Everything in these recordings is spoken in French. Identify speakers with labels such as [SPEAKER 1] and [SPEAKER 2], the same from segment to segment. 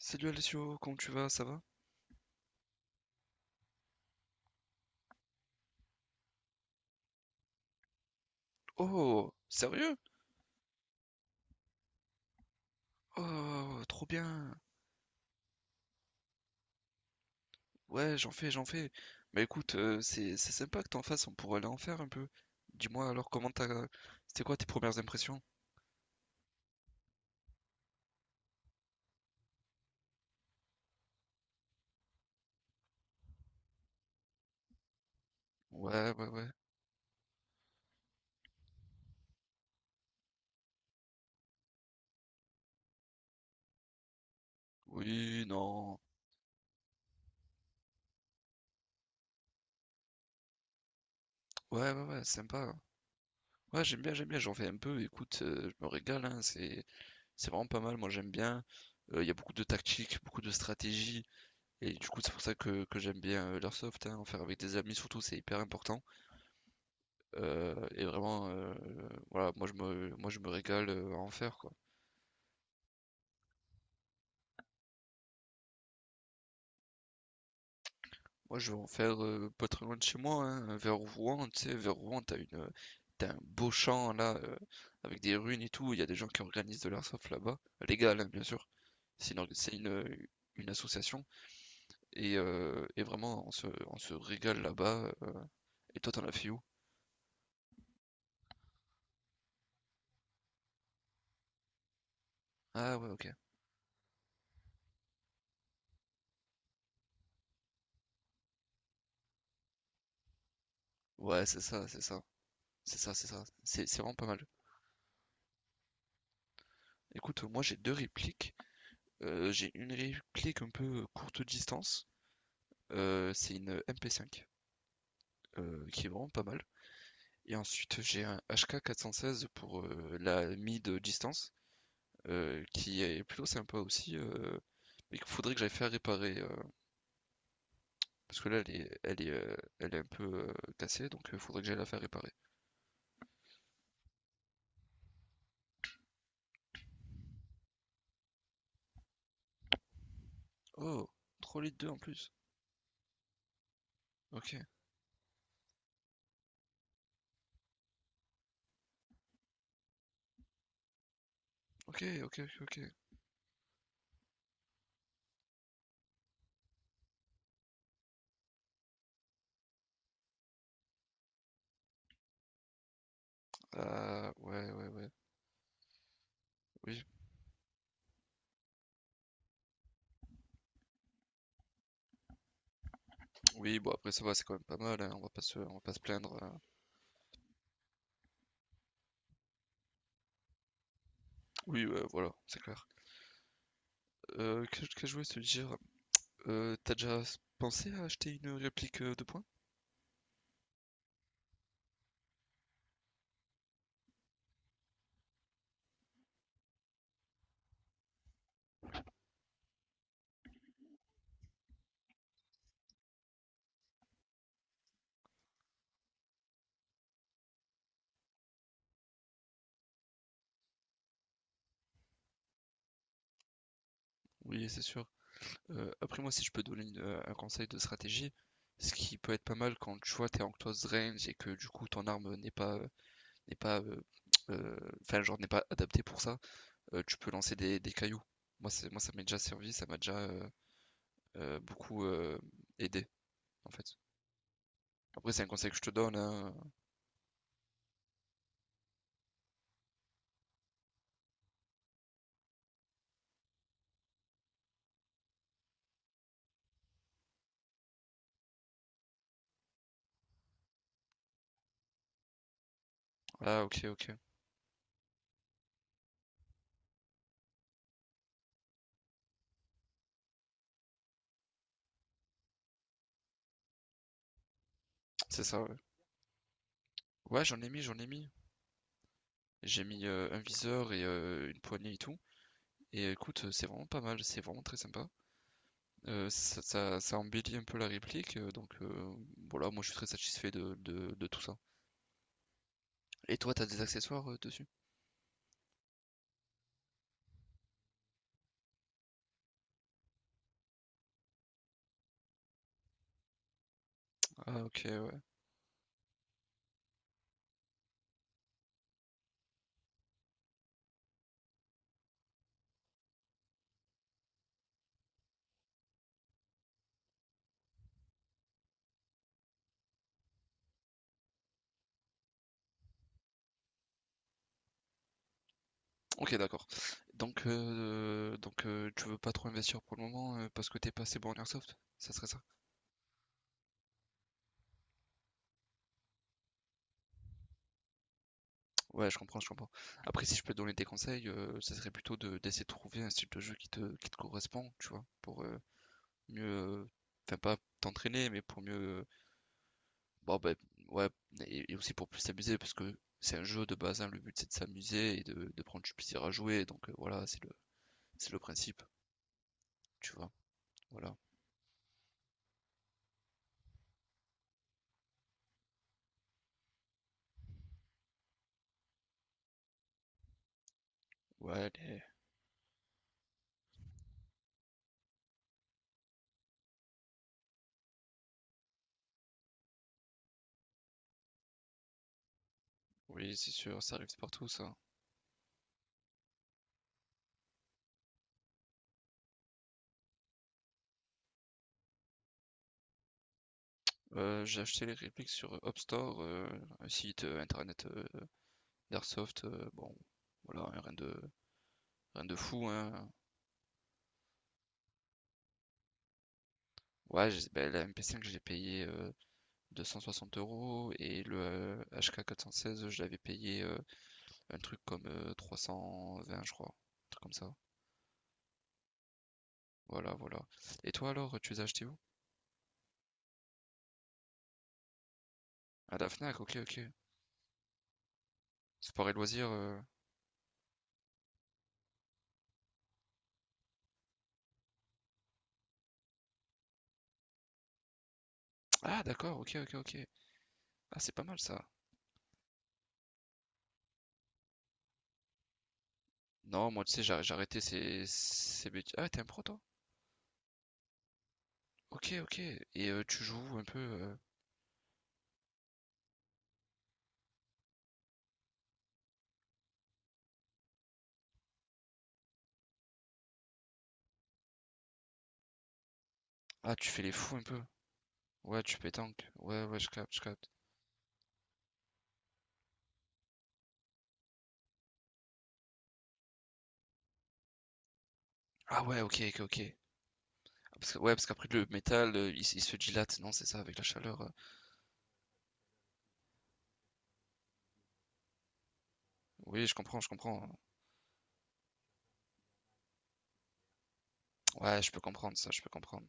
[SPEAKER 1] Salut Alessio, comment tu vas? Ça va? Oh, sérieux? Oh, trop bien. Ouais, j'en fais, j'en fais. Bah écoute, c'est sympa que t'en fasses, on pourrait aller en faire un peu. Dis-moi alors comment t'as... C'était quoi tes premières impressions? Ouais, ouais, ouais. Oui, non. Ouais, ouais, ouais, sympa. Ouais, j'aime bien, j'en fais un peu. Écoute, je me régale, hein, c'est vraiment pas mal, moi j'aime bien. Il y a beaucoup de tactique, beaucoup de stratégie. Et du coup, c'est pour ça que j'aime bien l'airsoft, hein, en faire avec des amis surtout, c'est hyper important. Et vraiment, voilà, moi je me régale à en faire quoi. Moi je vais en faire pas très loin de chez moi, hein, vers Rouen, tu sais, vers Rouen, t'as un beau champ là, avec des runes et tout. Il y a des gens qui organisent de l'airsoft là-bas, légal hein, bien sûr. C'est une association et vraiment on se régale là-bas. Et toi t'en as fait où? Ah ouais ok. Ouais c'est ça, c'est ça, c'est ça, c'est ça. C'est vraiment pas mal. Écoute, moi j'ai deux répliques. J'ai une réplique un peu courte distance. C'est une MP5 qui est vraiment pas mal. Et ensuite, j'ai un HK16 pour la mid distance qui est plutôt sympa aussi. Mais qu'il faudrait que j'aille faire réparer parce que là, elle est un peu cassée donc il faudrait que j'aille la faire réparer. Oh, 3,2 litres en plus. Ok, ok, ok, ok, ok. Ah, ouais, ouais, ouais. Oui, oui, bon après ça va, c'est quand même pas mal, hein, on va pas se plaindre. Hein. Oui, ouais, voilà, c'est clair. Qu'est-ce que je voulais te dire, t'as déjà pensé à acheter une réplique de points? Oui, c'est sûr. Après moi, si je peux donner un conseil de stratégie, ce qui peut être pas mal quand tu vois t'es en close range et que du coup ton arme n'est pas n'est pas euh, enfin genre n'est pas adaptée pour ça, tu peux lancer des cailloux. Moi, ça m'est déjà servi, ça m'a déjà beaucoup aidé en fait. Après c'est un conseil que je te donne. Hein. Ah ok ok, c'est ça. Ouais, ouais j'en ai mis j'en ai mis. J'ai mis, un viseur et une poignée et tout et écoute, c'est vraiment pas mal, c'est vraiment très sympa. Ça embellit un peu la réplique, donc voilà, moi je suis très satisfait de tout ça. Et toi, t'as des accessoires, dessus? Ah OK, ouais. OK, d'accord. Donc tu veux pas trop investir pour le moment, parce que t'es pas assez bon en airsoft? Ça serait ça? Ouais, je comprends, je comprends. Après, si je peux te donner des conseils, ça serait plutôt de d'essayer de trouver un style de jeu qui te correspond, tu vois? Pour, mieux, enfin pas t'entraîner, mais pour mieux, bon, ben, ouais, et aussi pour plus s'amuser, parce que c'est un jeu de base, hein, le but c'est de s'amuser et de prendre du plaisir à jouer, donc voilà, c'est le principe, tu vois, voilà. Ouais, oui, c'est sûr, ça arrive partout, ça. J'ai acheté les répliques sur Hop Store, un site internet d'Airsoft, bon, voilà, hein, rien de, fou, hein. Ouais, ben, la MP5, j'ai payé 260 euros et le HK416, je l'avais payé un truc comme 320, je crois. Un truc comme ça. Voilà, voilà. Et toi alors, tu les as achetés où? À la Fnac, ok, ok. Sport et loisirs. Ah, d'accord, ok, ok, ok. Ah, c'est pas mal ça. Non, moi, tu sais, j'ai arrêté ces bêtises. Ah, t'es un pro, toi? Ok, ok. Et tu joues un peu. Ah, tu fais les fous un peu. Ouais, tu pétanques. Ouais, ouais, je capte, je capte. Ah, ouais, ok, ok, ok. Ah, ouais, parce qu'après le métal, il se dilate, non, c'est ça, avec la chaleur. Oui, je comprends, je comprends. Ouais, je peux comprendre ça, je peux comprendre.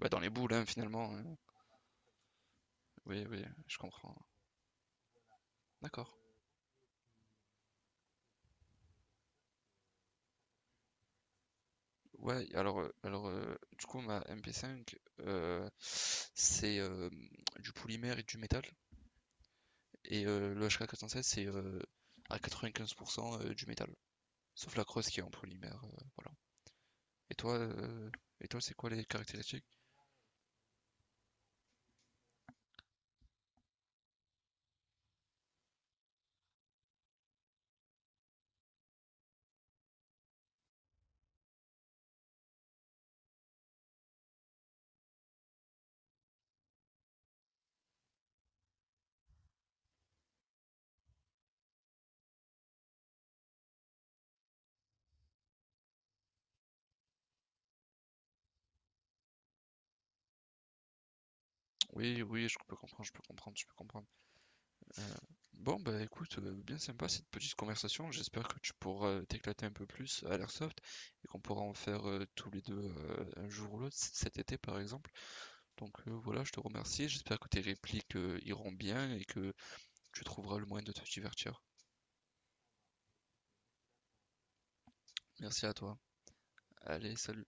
[SPEAKER 1] Ouais, dans les boules, hein, finalement. Hein. Oui, oui, je comprends. D'accord. Ouais, alors, du coup, ma MP5, c'est du polymère et du métal. Et le HK416, c'est à 95% du métal. Sauf la crosse qui est en polymère. Voilà. Et toi, euh, et toi, c'est quoi les caractéristiques? Oui, oui, je peux comprendre, je peux comprendre, je peux comprendre. Euh, Bon, bah écoute, bien sympa cette petite conversation. J'espère que tu pourras t'éclater un peu plus à l'airsoft et qu'on pourra en faire tous les deux un jour ou l'autre, cet été par exemple. Donc voilà, je te remercie. J'espère que tes répliques iront bien et que tu trouveras le moyen de te divertir. Merci à toi. Allez, salut.